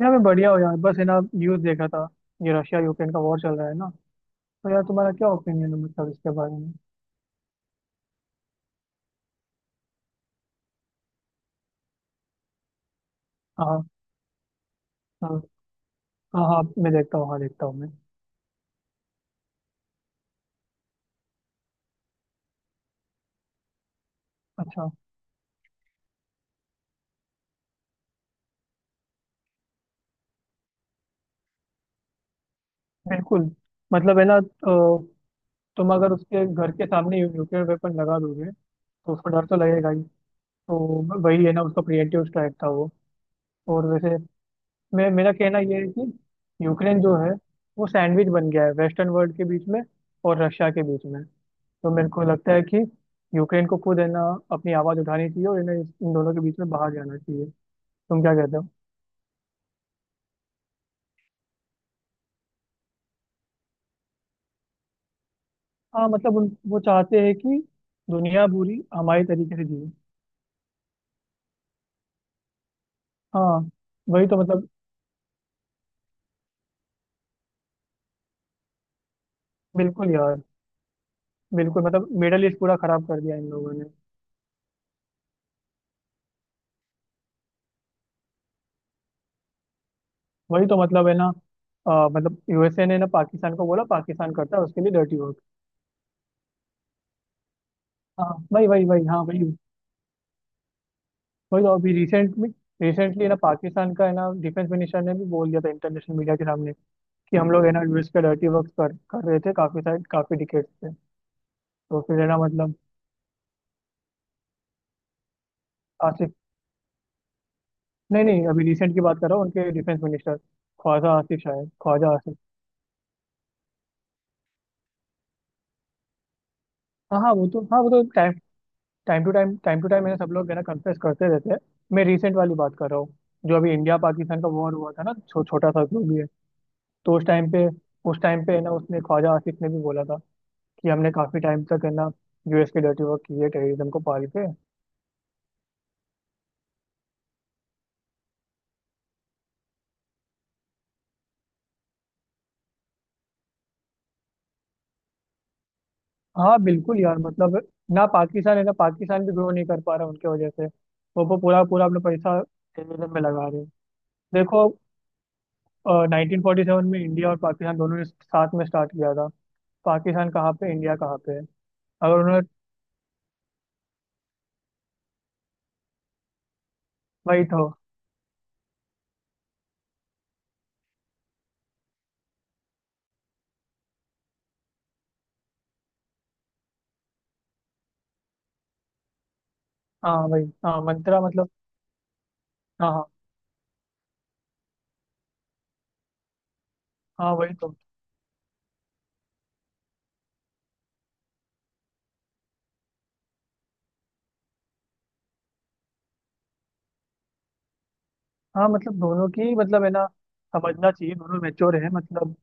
यार मैं बढ़िया हूँ यार। बस है ना, न्यूज़ देखा था। ये रशिया यूक्रेन का वॉर चल रहा है ना। तो यार तुम्हारा क्या ओपिनियन है, मतलब इसके बारे में। हाँ। हाँ। हाँ हाँ मैं देखता हूँ, हाँ देखता हूँ मैं। अच्छा। बिल्कुल। मतलब है ना, तो तुम अगर उसके घर के सामने न्यूक्लियर वेपन लगा दोगे तो उसको डर तो लगेगा ही। तो वही है ना, उसका प्रिएंटिव स्ट्राइक था वो। और वैसे मैं, मेरा कहना ये है कि यूक्रेन जो है वो सैंडविच बन गया है वेस्टर्न वर्ल्ड के बीच में और रशिया के बीच में। तो मेरे को लगता है कि यूक्रेन को खुद है ना अपनी आवाज़ उठानी चाहिए और इन्हें इन दोनों के बीच में बाहर जाना चाहिए। तुम क्या कहते हो? हाँ मतलब उन, वो चाहते हैं कि दुनिया पूरी हमारे तरीके से जिए। हाँ वही तो मतलब। बिल्कुल यार, बिल्कुल मतलब मिडल ईस्ट पूरा खराब कर दिया इन लोगों ने। वही तो मतलब है ना। मतलब यूएसए ने ना पाकिस्तान को बोला, पाकिस्तान करता है उसके लिए डर्टी वर्क। हाँ, वही वही वही हाँ वही। वही तो, अभी रिसेंट में, रिसेंटली ना पाकिस्तान का है ना डिफेंस मिनिस्टर ने भी बोल दिया था इंटरनेशनल मीडिया के सामने कि हम लोग है ना यूएस पे डर्टी वर्क कर कर रहे थे काफी सारे, काफी डिकेट से। तो फिर है ना, मतलब। आसिफ। नहीं नहीं, अभी रिसेंट की बात कर रहा हूँ, उनके डिफेंस मिनिस्टर ख्वाजा आसिफ, शायद ख्वाजा आसिफ। हाँ हाँ वो तो, हाँ वो तो time time to time, time to time है ना। सब लोग है ना कन्फ्रेस करते रहते हैं। मैं रिसेंट वाली बात कर रहा हूँ, जो अभी इंडिया पाकिस्तान का वॉर हुआ था ना, छोटा सा जो भी है। तो उस टाइम पे, उस टाइम पे है ना उसने, ख्वाजा आसिफ ने भी बोला था कि हमने काफी टाइम तक है ना यूएस के डर्टी वर्क किए, टेररिज्म को पाल के। हाँ बिल्कुल यार, मतलब ना पाकिस्तान है ना, पाकिस्तान भी ग्रो नहीं कर पा रहा उनके वजह से। वो पूरा पूरा अपना पैसा टेररिज्म में लगा रहे हैं। देखो, 1947 में इंडिया और पाकिस्तान दोनों ने साथ में स्टार्ट किया था। पाकिस्तान कहाँ पे, इंडिया कहाँ पे है। अगर उन्होंने, वही तो। हाँ वही, हाँ मंत्रा मतलब। हाँ हाँ। हाँ वही तो। हाँ मतलब दोनों की, मतलब है ना समझना चाहिए, दोनों मैच्योर हैं मतलब।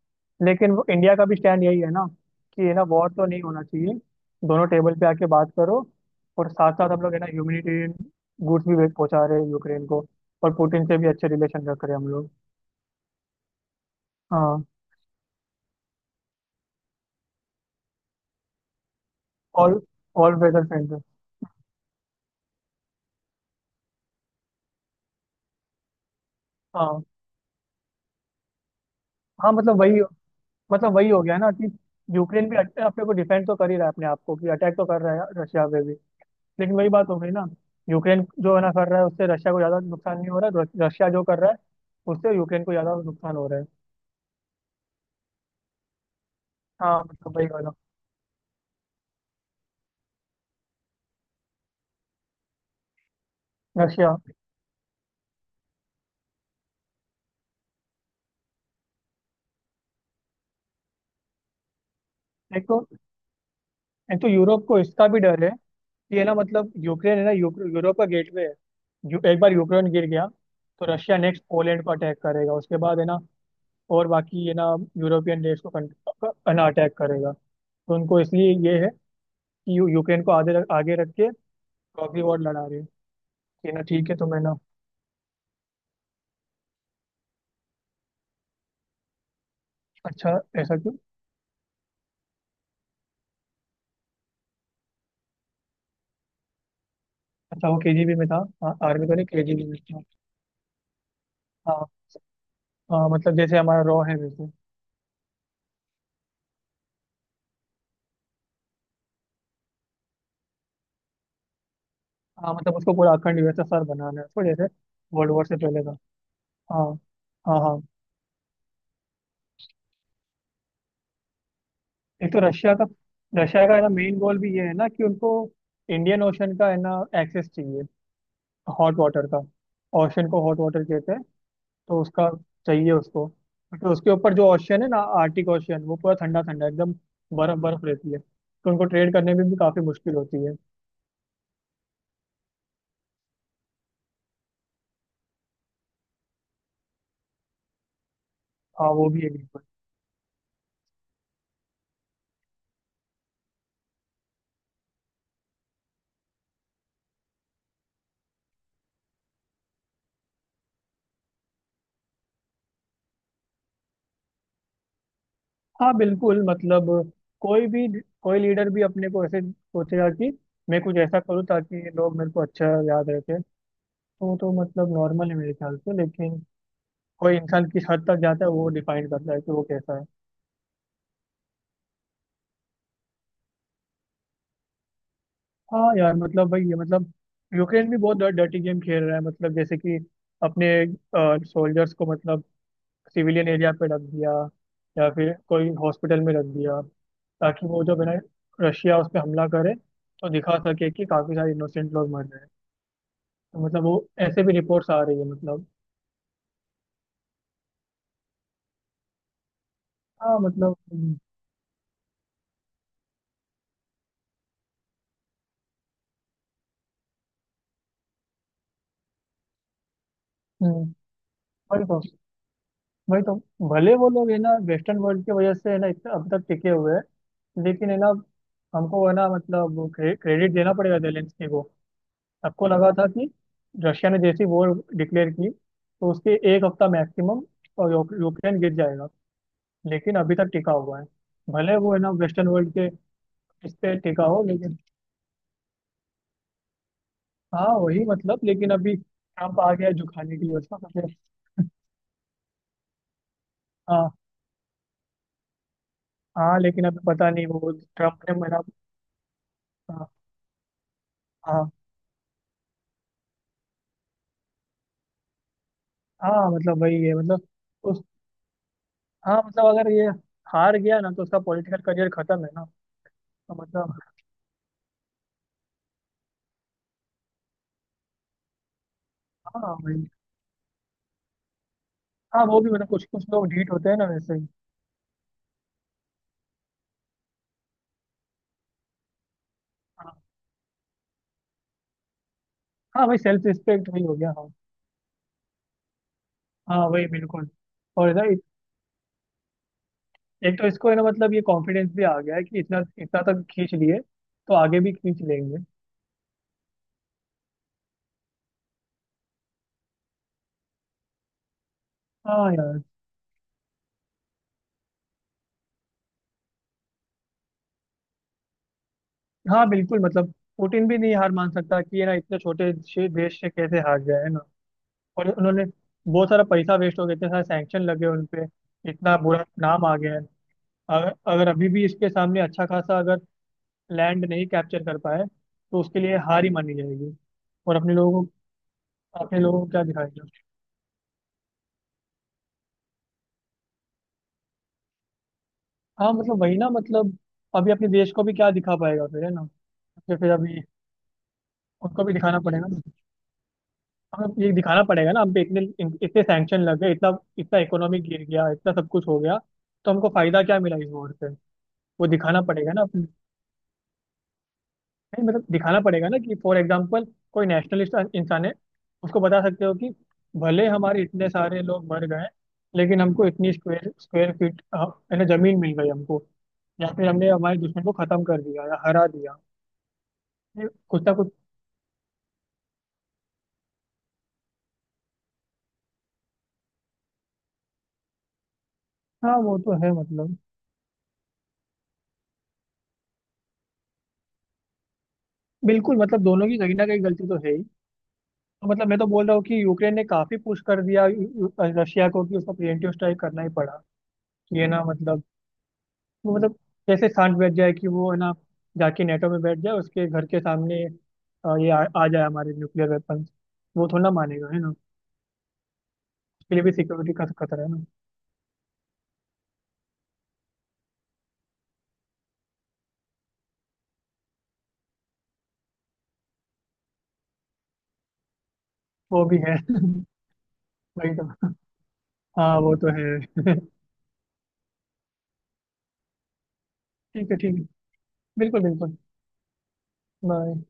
लेकिन वो इंडिया का भी स्टैंड यही है ना, कि है ना वॉर तो नहीं होना चाहिए, दोनों टेबल पे आके बात करो। और साथ साथ हम लोग है ना ह्यूमैनिटेरियन गुड्स भी पहुंचा रहे हैं यूक्रेन को, और पुतिन से भी अच्छे रिलेशन रख रहे हैं हम लोग। हाँ ऑल, ऑल वेदर फ्रेंड। हाँ। हाँ मतलब वही, मतलब वही हो गया ना कि यूक्रेन भी अपने को डिफेंड तो कर ही रहा है अपने आप को, कि अटैक तो कर रहा है रशिया पे भी। लेकिन वही बात हो गई ना, यूक्रेन जो है ना कर रहा है उससे रशिया को ज्यादा नुकसान नहीं हो रहा है, रशिया जो कर रहा है उससे यूक्रेन को ज्यादा नुकसान हो रहा है। हाँ मतलब वही वाला। रशिया, एक तो, एक तो यूरोप को इसका भी डर है कि है ना मतलब यूक्रेन है ना, यूरोप का गेटवे है। एक बार यूक्रेन गिर गया तो रशिया नेक्स्ट पोलैंड को अटैक करेगा, उसके बाद है ना और बाकी है ना यूरोपियन देश को है ना अटैक करेगा। तो उनको इसलिए ये है कि यूक्रेन को आगे रख के प्रॉक्सी वॉर लड़ा रही है। कि ना ठीक है तो मैं ना, अच्छा ऐसा क्यों। अच्छा वो केजीबी में था। हाँ आर्मी तो नहीं, केजीबी में था। हाँ। हाँ, मतलब जैसे हमारा रॉ है वैसे। हाँ मतलब उसको पूरा अखंड यूएसएसआर बनाना है उसको, जैसे वर्ल्ड वॉर से पहले का। हाँ। हाँ हाँ। एक तो रशिया का, रशिया का है ना मेन गोल भी ये है ना कि उनको इंडियन ओशन का है ना एक्सेस चाहिए, हॉट वाटर का। ओशन को हॉट वाटर कहते हैं। तो उसका, चाहिए उसको। तो उसके ऊपर जो ओशन है ना आर्टिक ओशन वो पूरा ठंडा ठंडा एकदम बर्फ बर्फ रहती है, तो उनको ट्रेड करने में भी काफी मुश्किल होती है। हाँ वो भी है। हाँ बिल्कुल मतलब, कोई भी, कोई लीडर भी अपने को ऐसे सोचेगा कि मैं कुछ ऐसा करूँ ताकि ये लोग मेरे को अच्छा याद रखे। तो मतलब नॉर्मल है मेरे ख्याल से, लेकिन कोई इंसान किस हद तक जाता है वो डिफाइन करता है कि वो कैसा है। हाँ यार मतलब भाई, ये मतलब यूक्रेन भी बहुत डर्टी गेम खेल रहा है, मतलब जैसे कि अपने सोल्जर्स को, मतलब सिविलियन एरिया पे रख दिया या फिर कोई हॉस्पिटल में रख दिया ताकि वो जब है ना रशिया उस पर हमला करे तो दिखा सके कि काफी सारे इनोसेंट लोग मर रहे हैं। तो मतलब वो, ऐसे भी रिपोर्ट्स आ रही है मतलब। हाँ मतलब, हम्म, वही तो, वही तो भले वो लोग है ना वेस्टर्न वर्ल्ड की वजह से है ना इतना अब तक टिके हुए हैं, लेकिन है ना हमको है ना, मतलब क्रेडिट देना पड़ेगा जेलेंस्की को। सबको लगा था कि रशिया ने जैसी वॉर डिक्लेयर की तो उसके एक हफ्ता मैक्सिमम और यूक्रेन गिर जाएगा, लेकिन अभी तक टिका हुआ है। भले वो है ना वेस्टर्न वर्ल्ड के इस पे टिका हो लेकिन, हाँ वही मतलब, लेकिन अभी ट्रम्प आ गया है जो खाने के लिए उसका मतलब। हाँ। हाँ लेकिन अभी पता नहीं वो ट्रम्प ने मना। हाँ। हाँ, हाँ, मतलब वही है मतलब उस। हाँ मतलब अगर ये हार गया ना तो उसका पॉलिटिकल करियर खत्म है ना। तो मतलब। हाँ भाई। हाँ वो भी मतलब, कुछ कुछ लोग ढीठ होते हैं ना, वैसे ही। हाँ। हाँ भाई सेल्फ रिस्पेक्ट, वही हो गया हाँ। हाँ वही बिल्कुल। और इधर एक तो इसको है ना, मतलब ये कॉन्फिडेंस भी आ गया है कि इतना, इतना तक खींच लिए तो आगे भी खींच लेंगे। हाँ यार। हाँ बिल्कुल मतलब पुतिन भी नहीं हार मान सकता कि ये ना इतने छोटे से देश से कैसे हार गया है ना। और उन्होंने, बहुत सारा पैसा वेस्ट हो गया, इतने सारे सैंक्शन लगे उन पे, इतना बुरा नाम आ गया है। अगर अगर अभी भी इसके सामने अच्छा खासा अगर लैंड नहीं कैप्चर कर पाए तो उसके लिए हार ही मानी जाएगी। और अपने लोगों को, अपने लोगों को क्या दिखाएगा? हाँ मतलब वही ना मतलब, अभी अपने देश को भी क्या दिखा पाएगा फिर है ना। फिर अभी उनको भी दिखाना पड़ेगा ना, हमें ये दिखाना पड़ेगा ना, हम पे इतने, इतने सैंक्शन लग गए, इतना, इतना इकोनॉमी गिर गया, इतना सब कुछ हो गया, तो हमको फायदा क्या मिला इस वॉर से। वो दिखाना पड़ेगा ना। नहीं मतलब दिखाना पड़ेगा ना कि फॉर एग्जाम्पल कोई नेशनलिस्ट इंसान है, उसको बता सकते हो कि भले हमारे इतने सारे लोग मर गए लेकिन हमको इतनी स्क्वायर स्क्वायर फीट है ना जमीन मिल गई हमको। या फिर हमने हमारे दुश्मन को खत्म कर दिया या हरा दिया। ये कुछ ना कुछ। हाँ वो तो है मतलब, बिल्कुल मतलब दोनों की कहीं ना कहीं गलती तो है ही। तो मतलब मैं तो बोल रहा हूँ कि यूक्रेन ने काफी पुश कर दिया यू- यू- रशिया को, कि उसको प्रिवेंटिव स्ट्राइक करना ही पड़ा। ये ना मतलब, वो मतलब कैसे शांत बैठ जाए कि वो है ना जाके नेटो में बैठ जाए उसके घर के सामने, ये आ जाए हमारे न्यूक्लियर वेपन। वो थोड़ा ना मानेगा है ना, उसके लिए भी सिक्योरिटी का खतरा है ना। वो भी है वही तो। हाँ वो तो है ठीक है, ठीक है। बिल्कुल बिल्कुल। बाय।